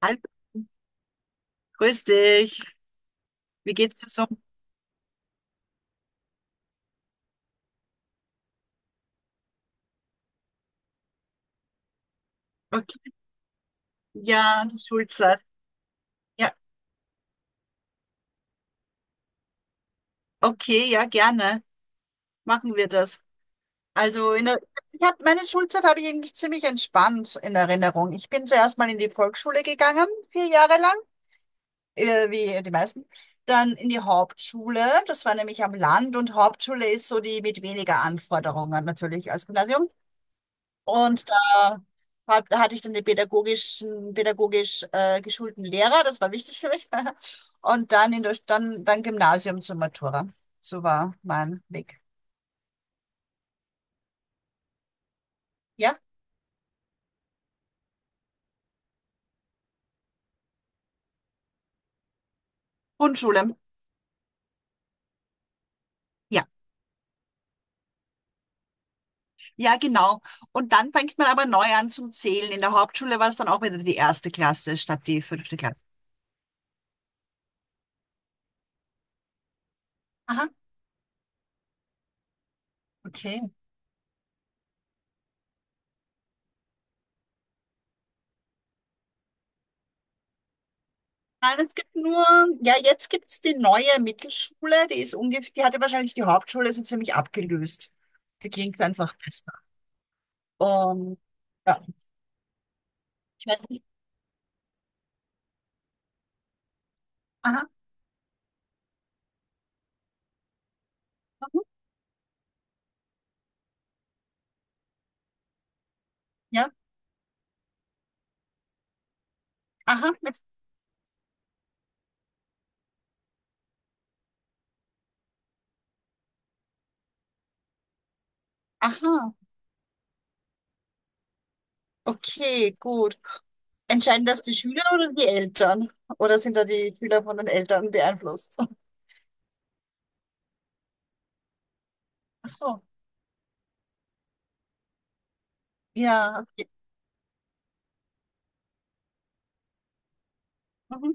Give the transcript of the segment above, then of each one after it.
Hallo, grüß dich. Wie geht's dir so? Okay. Ja, die Schulzeit. Ja, okay, ja, gerne. Machen wir das. Also in der, ich hab, meine Schulzeit habe ich eigentlich ziemlich entspannt in Erinnerung. Ich bin zuerst mal in die Volksschule gegangen, vier Jahre lang, wie die meisten. Dann in die Hauptschule. Das war nämlich am Land und Hauptschule ist so die mit weniger Anforderungen natürlich als Gymnasium. Und da hatte ich dann den pädagogisch geschulten Lehrer, das war wichtig für mich. Und dann dann Gymnasium zur Matura. So war mein Weg. Ja, Grundschule. Ja, ja, genau. Und dann fängt man aber neu an zum Zählen. In der Hauptschule war es dann auch wieder die erste Klasse statt die fünfte Klasse. Aha, okay. Nein, ja, jetzt gibt's die neue Mittelschule, die ist ungefähr, die hatte wahrscheinlich die Hauptschule so ziemlich abgelöst. Die klingt einfach besser. Und ja, ich weiß nicht. Aha, mhm, ja. Aha, aha. Okay, gut. Entscheiden das die Schüler oder die Eltern? Oder sind da die Schüler von den Eltern beeinflusst? Ach so. Ja, okay. Mhm.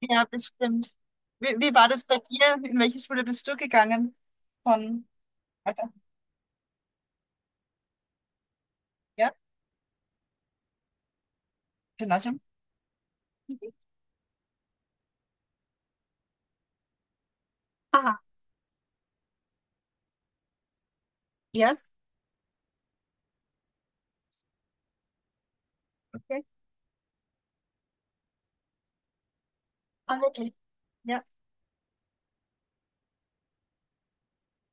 Ja, bestimmt. Wie war das bei dir? In welche Schule bist du gegangen? Von Alter. Ja, Gymnasium. Mhm. Aha, ja, okay. Ah, wirklich. Ja,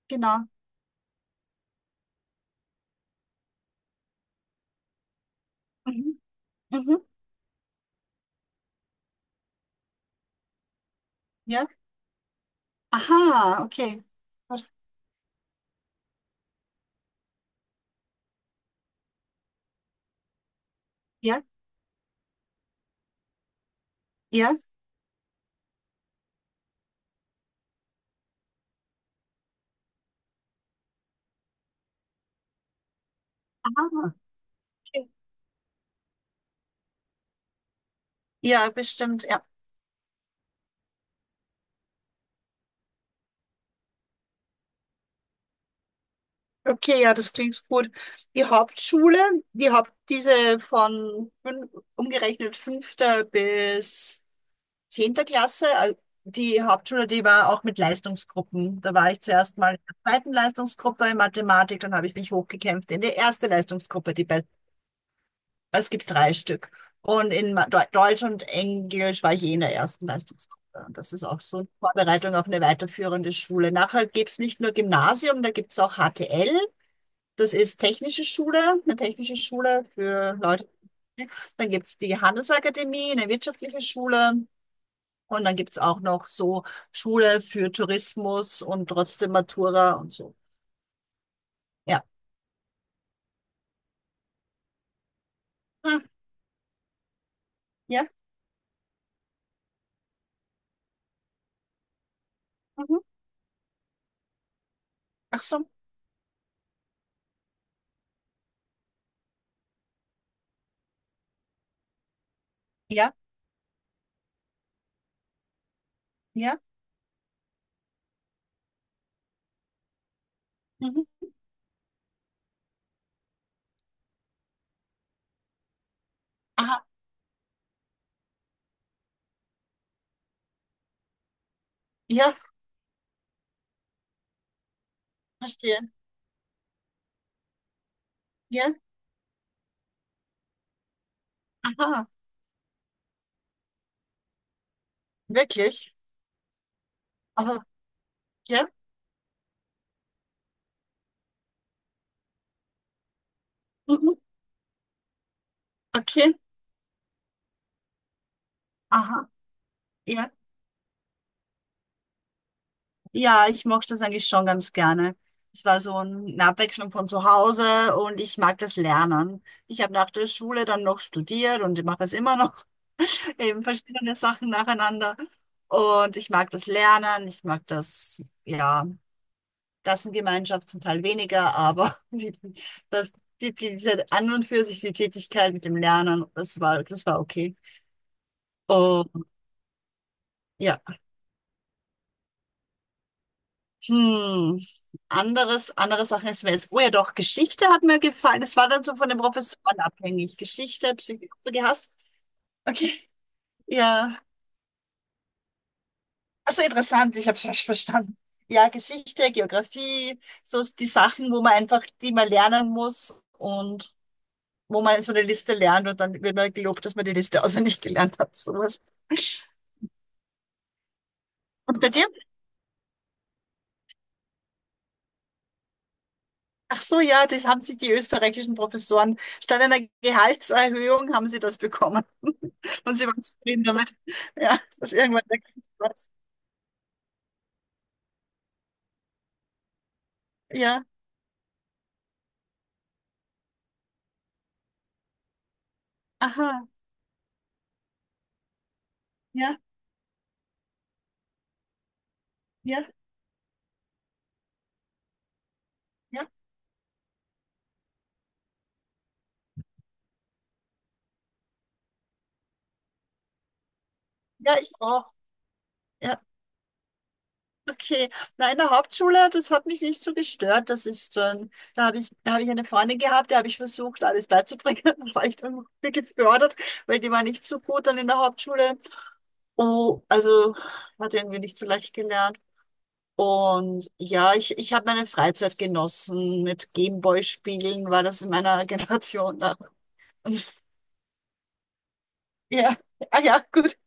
genau. Mhm. Mhm. Ja. Aha, okay. Gut. Ja, ja. Aha, okay. Ja, bestimmt, ja. Okay, ja, das klingt gut. Die Hauptschule, die Haupt, diese von fün- umgerechnet fünfter bis zehnter Klasse, die Hauptschule, die war auch mit Leistungsgruppen. Da war ich zuerst mal in der zweiten Leistungsgruppe in Mathematik, dann habe ich mich hochgekämpft in die erste Leistungsgruppe, die best es gibt drei Stück. Und in Deutsch und Englisch war ich je in der ersten Leistungsgruppe. Und das ist auch so eine Vorbereitung auf eine weiterführende Schule. Nachher gibt's nicht nur Gymnasium, da gibt's auch HTL. Das ist technische Schule, eine technische Schule für Leute. Dann gibt's die Handelsakademie, eine wirtschaftliche Schule. Und dann gibt's auch noch so Schule für Tourismus und trotzdem Matura und so. Ja. Hm, ja. Mhm. Ach so. Ja. Ja. Mhm. Aha. Ja. Verstehe. Ja. Aha. Wirklich. Aha. Ja. Mhm. Okay. Aha. Ja. Ja, ich mag das eigentlich schon ganz gerne. Es war so eine Abwechslung von zu Hause und ich mag das Lernen. Ich habe nach der Schule dann noch studiert und ich mache es immer noch, eben verschiedene Sachen nacheinander. Und ich mag das Lernen, ich mag das, ja, Klassengemeinschaft zum Teil weniger, aber das, diese an und für sich die Tätigkeit mit dem Lernen, das war okay. Und ja. Hm, andere Sachen ist mir jetzt. Oh ja, doch, Geschichte hat mir gefallen. Das war dann so von den Professoren abhängig. Geschichte, Psychologie, hast du gehasst? Okay, ja. Also interessant, ich habe es falsch verstanden. Ja, Geschichte, Geografie, so ist die Sachen, wo man einfach, die man lernen muss und wo man so eine Liste lernt und dann wird man gelobt, dass man die Liste auswendig gelernt hat. Sowas. Und bei dir? Ach so, ja, das haben sich die österreichischen Professoren statt einer Gehaltserhöhung haben sie das bekommen. Und sie waren zufrieden damit. Ja, dass irgendwann der Krieg raus. Ja, aha, ja, ja, ja, ja, ich auch. Ja, okay. Na, in der Hauptschule, das hat mich nicht so gestört. Das ist schon, da habe ich eine Freundin gehabt, der habe ich versucht, alles beizubringen. Da war ich dann gefördert, weil die war nicht so gut dann in der Hauptschule. Oh, also hat irgendwie nicht so leicht gelernt. Und ja, ich habe meine Freizeit genossen mit Gameboy-Spielen, war das in meiner Generation da. Ja, ah, ja, gut.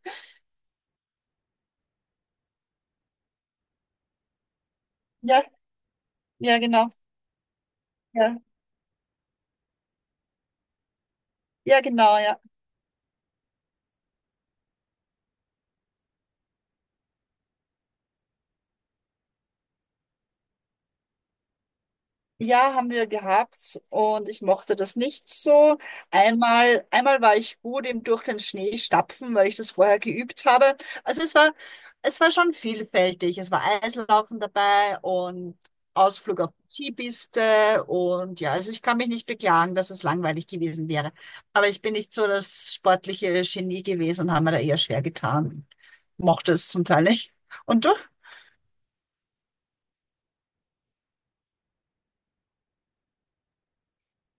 Ja, ja, genau. Ja, ja, genau, ja. Ja, haben wir gehabt und ich mochte das nicht so. Einmal war ich gut im durch den Schnee stapfen, weil ich das vorher geübt habe. Also es war schon vielfältig. Es war Eislaufen dabei und Ausflug auf die Skipiste und ja, also ich kann mich nicht beklagen, dass es langweilig gewesen wäre. Aber ich bin nicht so das sportliche Genie gewesen und habe mir da eher schwer getan. Mochte es zum Teil nicht. Und du?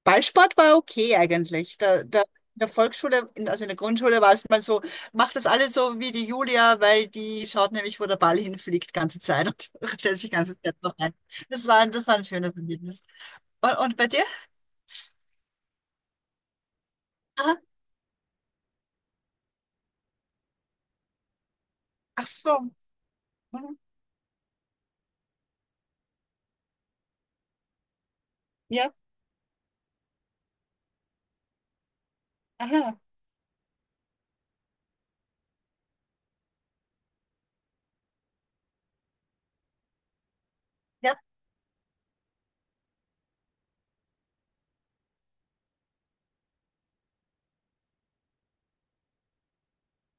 Ballsport war okay eigentlich. In der Volksschule, also in der Grundschule war es mal so, macht das alles so wie die Julia, weil die schaut nämlich, wo der Ball hinfliegt, ganze Zeit und stellt sich die ganze Zeit noch ein. Das war ein schönes Erlebnis. Und bei dir? Aha. Ach so. Mhm. Ja. Aha. Ja.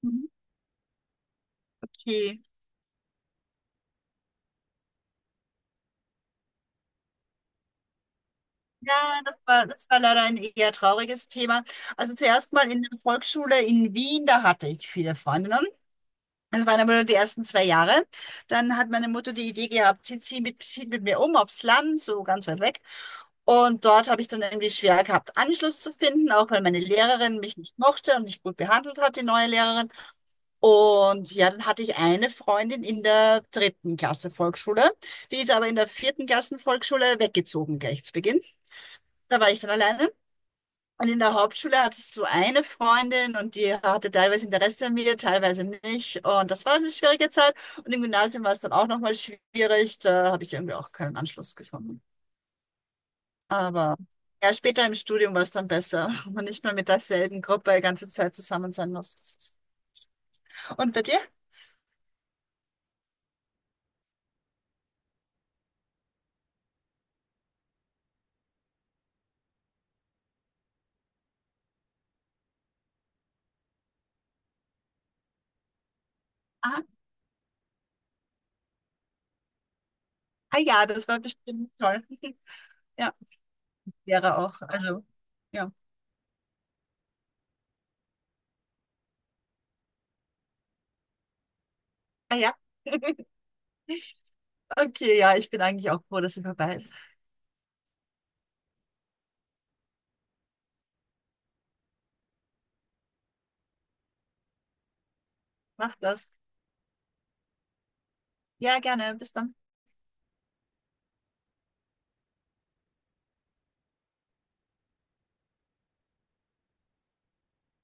Mhm. Okay. Ja, das war leider ein eher trauriges Thema. Also zuerst mal in der Volksschule in Wien, da hatte ich viele Freundinnen. Das waren aber nur die ersten 2 Jahre. Dann hat meine Mutter die Idee gehabt, sie zieht sie mit, zieht mit mir um aufs Land, so ganz weit weg. Und dort habe ich dann irgendwie schwer gehabt, Anschluss zu finden, auch weil meine Lehrerin mich nicht mochte und nicht gut behandelt hat, die neue Lehrerin. Und ja, dann hatte ich eine Freundin in der dritten Klasse Volksschule. Die ist aber in der vierten Klassen Volksschule weggezogen gleich zu Beginn. Da war ich dann alleine. Und in der Hauptschule hattest du eine Freundin und die hatte teilweise Interesse an mir, teilweise nicht. Und das war eine schwierige Zeit. Und im Gymnasium war es dann auch nochmal schwierig. Da habe ich irgendwie auch keinen Anschluss gefunden. Aber ja, später im Studium war es dann besser, wenn man nicht mehr mit derselben Gruppe die ganze Zeit zusammen sein muss. Das ist- Und bei dir? Ah, ah ja, das war bestimmt toll. Ja, wäre auch. Also, ja. Ah ja. Okay, ja, ich bin eigentlich auch froh, dass sie vorbei ist. Mach das. Ja, gerne. Bis dann.